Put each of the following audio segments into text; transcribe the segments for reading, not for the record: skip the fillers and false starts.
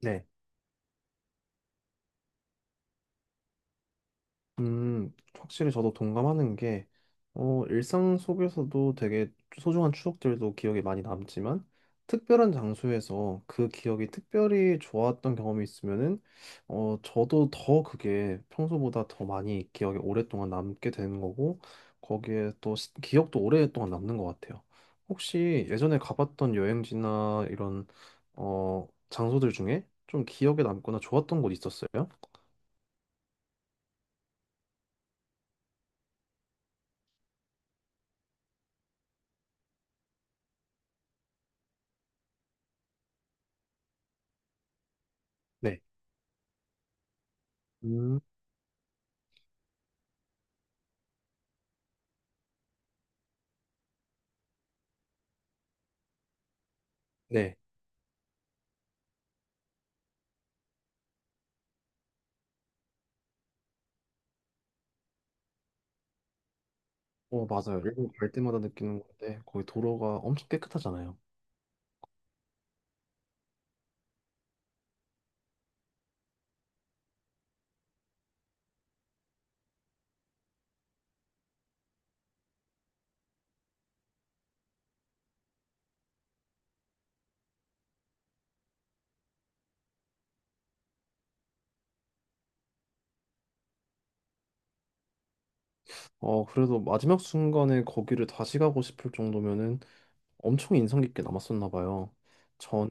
네. 확실히 저도 동감하는 게, 일상 속에서도 되게 소중한 추억들도 기억에 많이 남지만, 특별한 장소에서 그 기억이 특별히 좋았던 경험이 있으면은, 저도 더 그게 평소보다 더 많이 기억에 오랫동안 남게 되는 거고, 거기에 또 기억도 오랫동안 남는 것 같아요. 혹시 예전에 가봤던 여행지나 이런, 장소들 중에 좀 기억에 남거나 좋았던 곳 있었어요? 네. 음, 네. 맞아요. 일본 갈 때마다 느끼는 건데, 거기 도로가 엄청 깨끗하잖아요. 그래도 마지막 순간에 거기를 다시 가고 싶을 정도면은 엄청 인상 깊게 남았었나 봐요. 저는,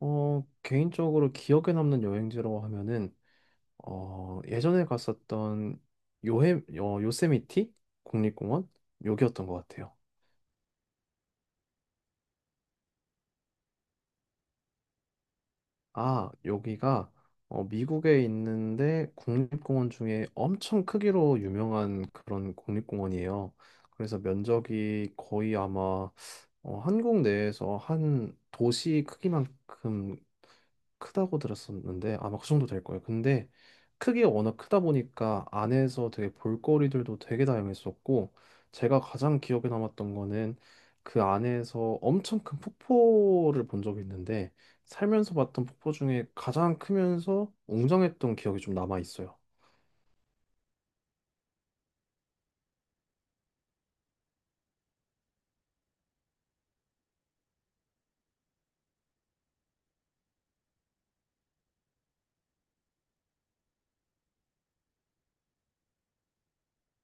개인적으로 기억에 남는 여행지라고 하면은, 예전에 갔었던 요헤, 요세미티 국립공원? 여기였던 것 같아요. 아, 여기가 미국에 있는데 국립공원 중에 엄청 크기로 유명한 그런 국립공원이에요. 그래서 면적이 거의 아마 한국 내에서 한 도시 크기만큼 크다고 들었었는데 아마 그 정도 될 거예요. 근데 크기가 워낙 크다 보니까 안에서 되게 볼거리들도 되게 다양했었고 제가 가장 기억에 남았던 거는 그 안에서 엄청 큰 폭포를 본 적이 있는데 살면서 봤던 폭포 중에 가장 크면서 웅장했던 기억이 좀 남아 있어요.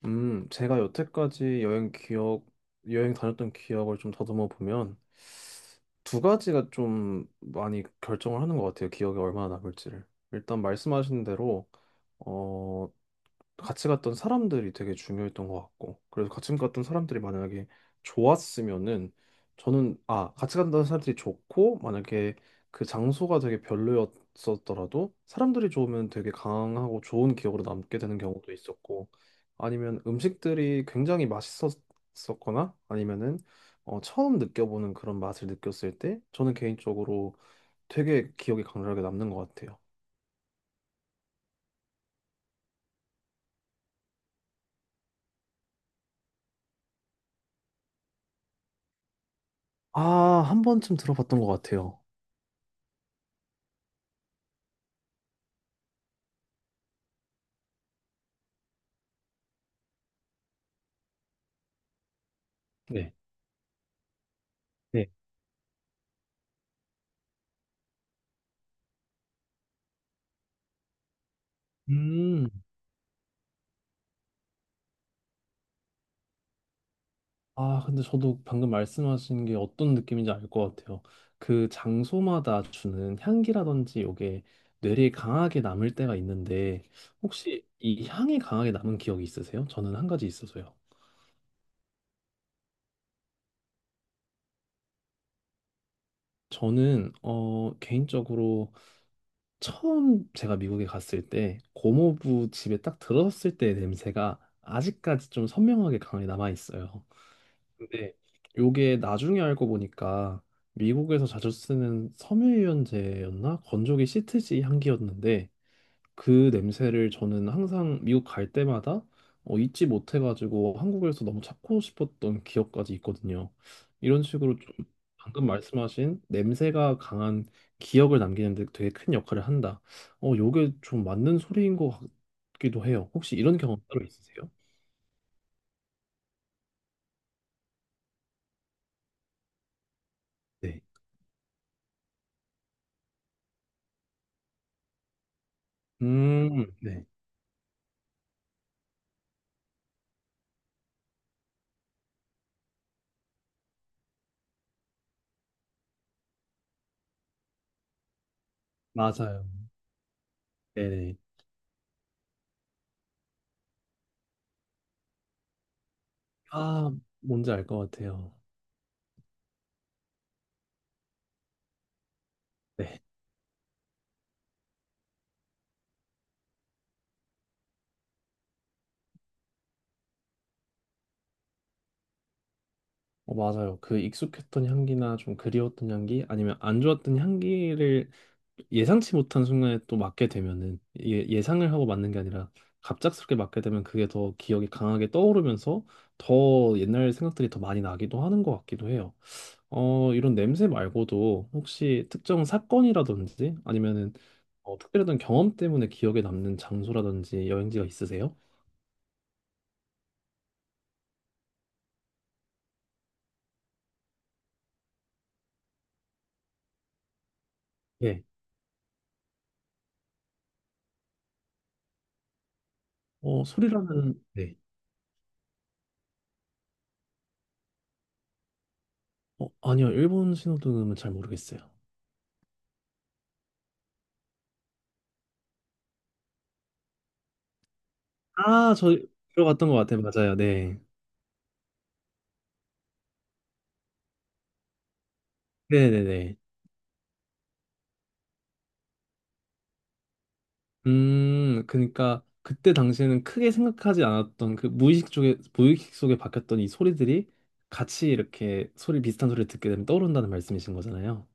제가 여태까지 여행 기억, 여행 다녔던 기억을 좀 더듬어 보면 두 가지가 좀 많이 결정을 하는 것 같아요. 기억에 얼마나 남을지를. 일단 말씀하신 대로 어, 같이 갔던 사람들이 되게 중요했던 것 같고 그래서 같이 갔던 사람들이 만약에 좋았으면은 저는 아 같이 갔던 사람들이 좋고 만약에 그 장소가 되게 별로였었더라도 사람들이 좋으면 되게 강하고 좋은 기억으로 남게 되는 경우도 있었고 아니면 음식들이 굉장히 맛있었거나 아니면은 처음 느껴보는 그런 맛을 느꼈을 때 저는 개인적으로 되게 기억에 강렬하게 남는 것 같아요. 아, 한 번쯤 들어봤던 것 같아요. 네. 네. 음, 아, 근데 저도 방금 말씀하신 게 어떤 느낌인지 알 것 같아요. 그 장소마다 주는 향기라든지 요게 뇌리에 강하게 남을 때가 있는데, 혹시 이 향이 강하게 남은 기억이 있으세요? 저는 한 가지 있어서요. 저는, 개인적으로 처음 제가 미국에 갔을 때, 고모부 집에 딱 들어섰을 때의 냄새가 아직까지 좀 선명하게 강하게 남아 있어요. 근데 요게 나중에 알고 보니까 미국에서 자주 쓰는 섬유유연제였나? 건조기 시트지 향기였는데 그 냄새를 저는 항상 미국 갈 때마다 잊지 못해가지고 한국에서 너무 찾고 싶었던 기억까지 있거든요. 이런 식으로 좀 방금 말씀하신 냄새가 강한 기억을 남기는데 되게 큰 역할을 한다. 요게 좀 맞는 소리인 것 같기도 해요. 혹시 이런 경험 따로 있으세요? 네. 네. 맞아요. 네네. 아, 뭔지 알 것 같아요. 네. 맞아요. 그 익숙했던 향기나 좀 그리웠던 향기 아니면 안 좋았던 향기를 예상치 못한 순간에 또 맡게 되면은 예, 예상을 하고 맡는 게 아니라 갑작스럽게 맡게 되면 그게 더 기억이 강하게 떠오르면서 더 옛날 생각들이 더 많이 나기도 하는 것 같기도 해요. 이런 냄새 말고도 혹시 특정 사건이라든지 아니면은 특별했던 경험 때문에 기억에 남는 장소라든지 여행지가 있으세요? 네. 소리라면 네. 아니요. 일본 신호등은 잘 모르겠어요. 아, 저 들어갔던 것 같아요. 맞아요. 네. 네네네. 그러니까 그때 당시에는 크게 생각하지 않았던 그 무의식 쪽에, 무의식 속에 박혔던 이 소리들이 같이 이렇게 소리 비슷한 소리를 듣게 되면 떠오른다는 말씀이신 거잖아요.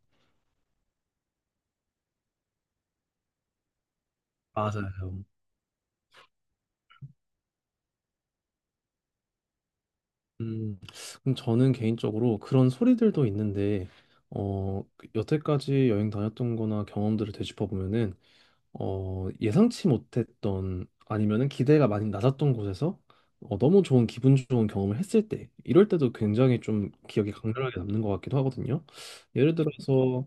맞아요. 음, 그럼 저는 개인적으로 그런 소리들도 있는데, 그 여태까지 여행 다녔던 거나 경험들을 되짚어보면은 예상치 못했던 아니면은 기대가 많이 낮았던 곳에서 너무 좋은 기분 좋은 경험을 했을 때 이럴 때도 굉장히 좀 기억에 강렬하게 남는 것 같기도 하거든요. 예를 들어서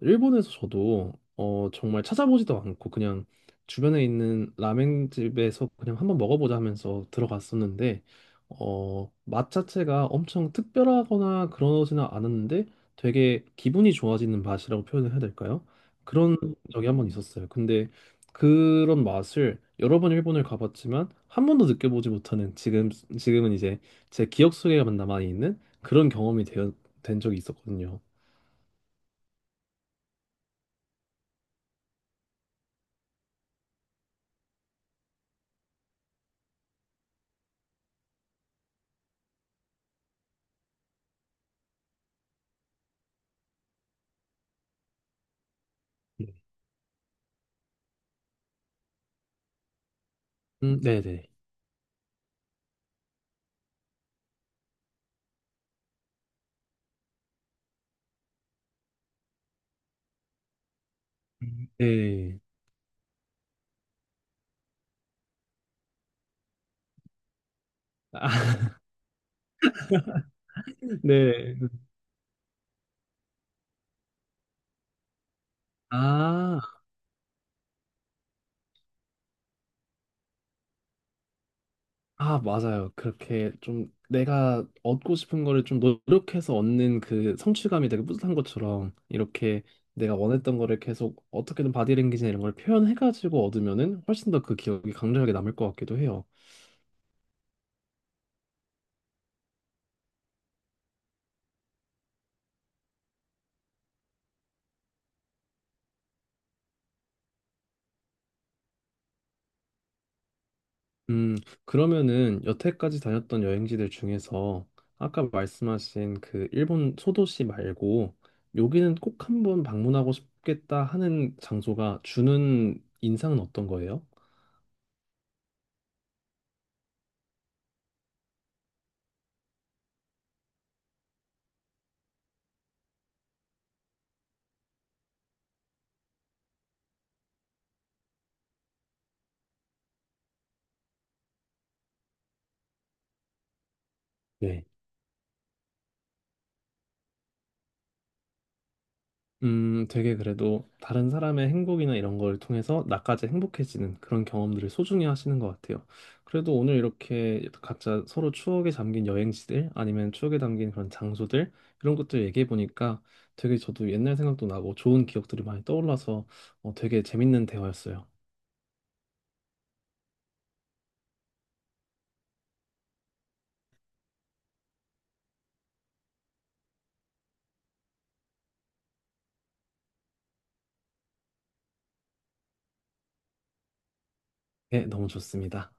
일본에서 저도 정말 찾아보지도 않고 그냥 주변에 있는 라멘집에서 그냥 한번 먹어보자 하면서 들어갔었는데 맛 자체가 엄청 특별하거나 그러지는 않았는데 되게 기분이 좋아지는 맛이라고 표현을 해야 될까요? 그런 적이 한번 있었어요. 근데 그런 맛을 여러 번 일본을 가봤지만 한 번도 느껴보지 못하는 지금은 이제 제 기억 속에만 남아 있는 그런 경험이 된 적이 있었거든요. 네네. 음. 네. 아, 네. 아, 아, 맞아요. 그렇게 좀 내가 얻고 싶은 거를 좀 노력해서 얻는 그 성취감이 되게 뿌듯한 것처럼 이렇게 내가 원했던 거를 계속 어떻게든 바디랭귀지나 이런 걸 표현해가지고 얻으면은 훨씬 더 그 기억이 강렬하게 남을 것 같기도 해요. 음, 그러면은 여태까지 다녔던 여행지들 중에서 아까 말씀하신 그 일본 소도시 말고 여기는 꼭 한번 방문하고 싶겠다 하는 장소가 주는 인상은 어떤 거예요? 네. 되게 그래도 다른 사람의 행복이나 이런 걸 통해서 나까지 행복해지는 그런 경험들을 소중히 하시는 것 같아요. 그래도 오늘 이렇게 각자 서로 추억에 잠긴 여행지들 아니면 추억에 담긴 그런 장소들 이런 것들 얘기해 보니까 되게 저도 옛날 생각도 나고 좋은 기억들이 많이 떠올라서 되게 재밌는 대화였어요. 네, 너무 좋습니다.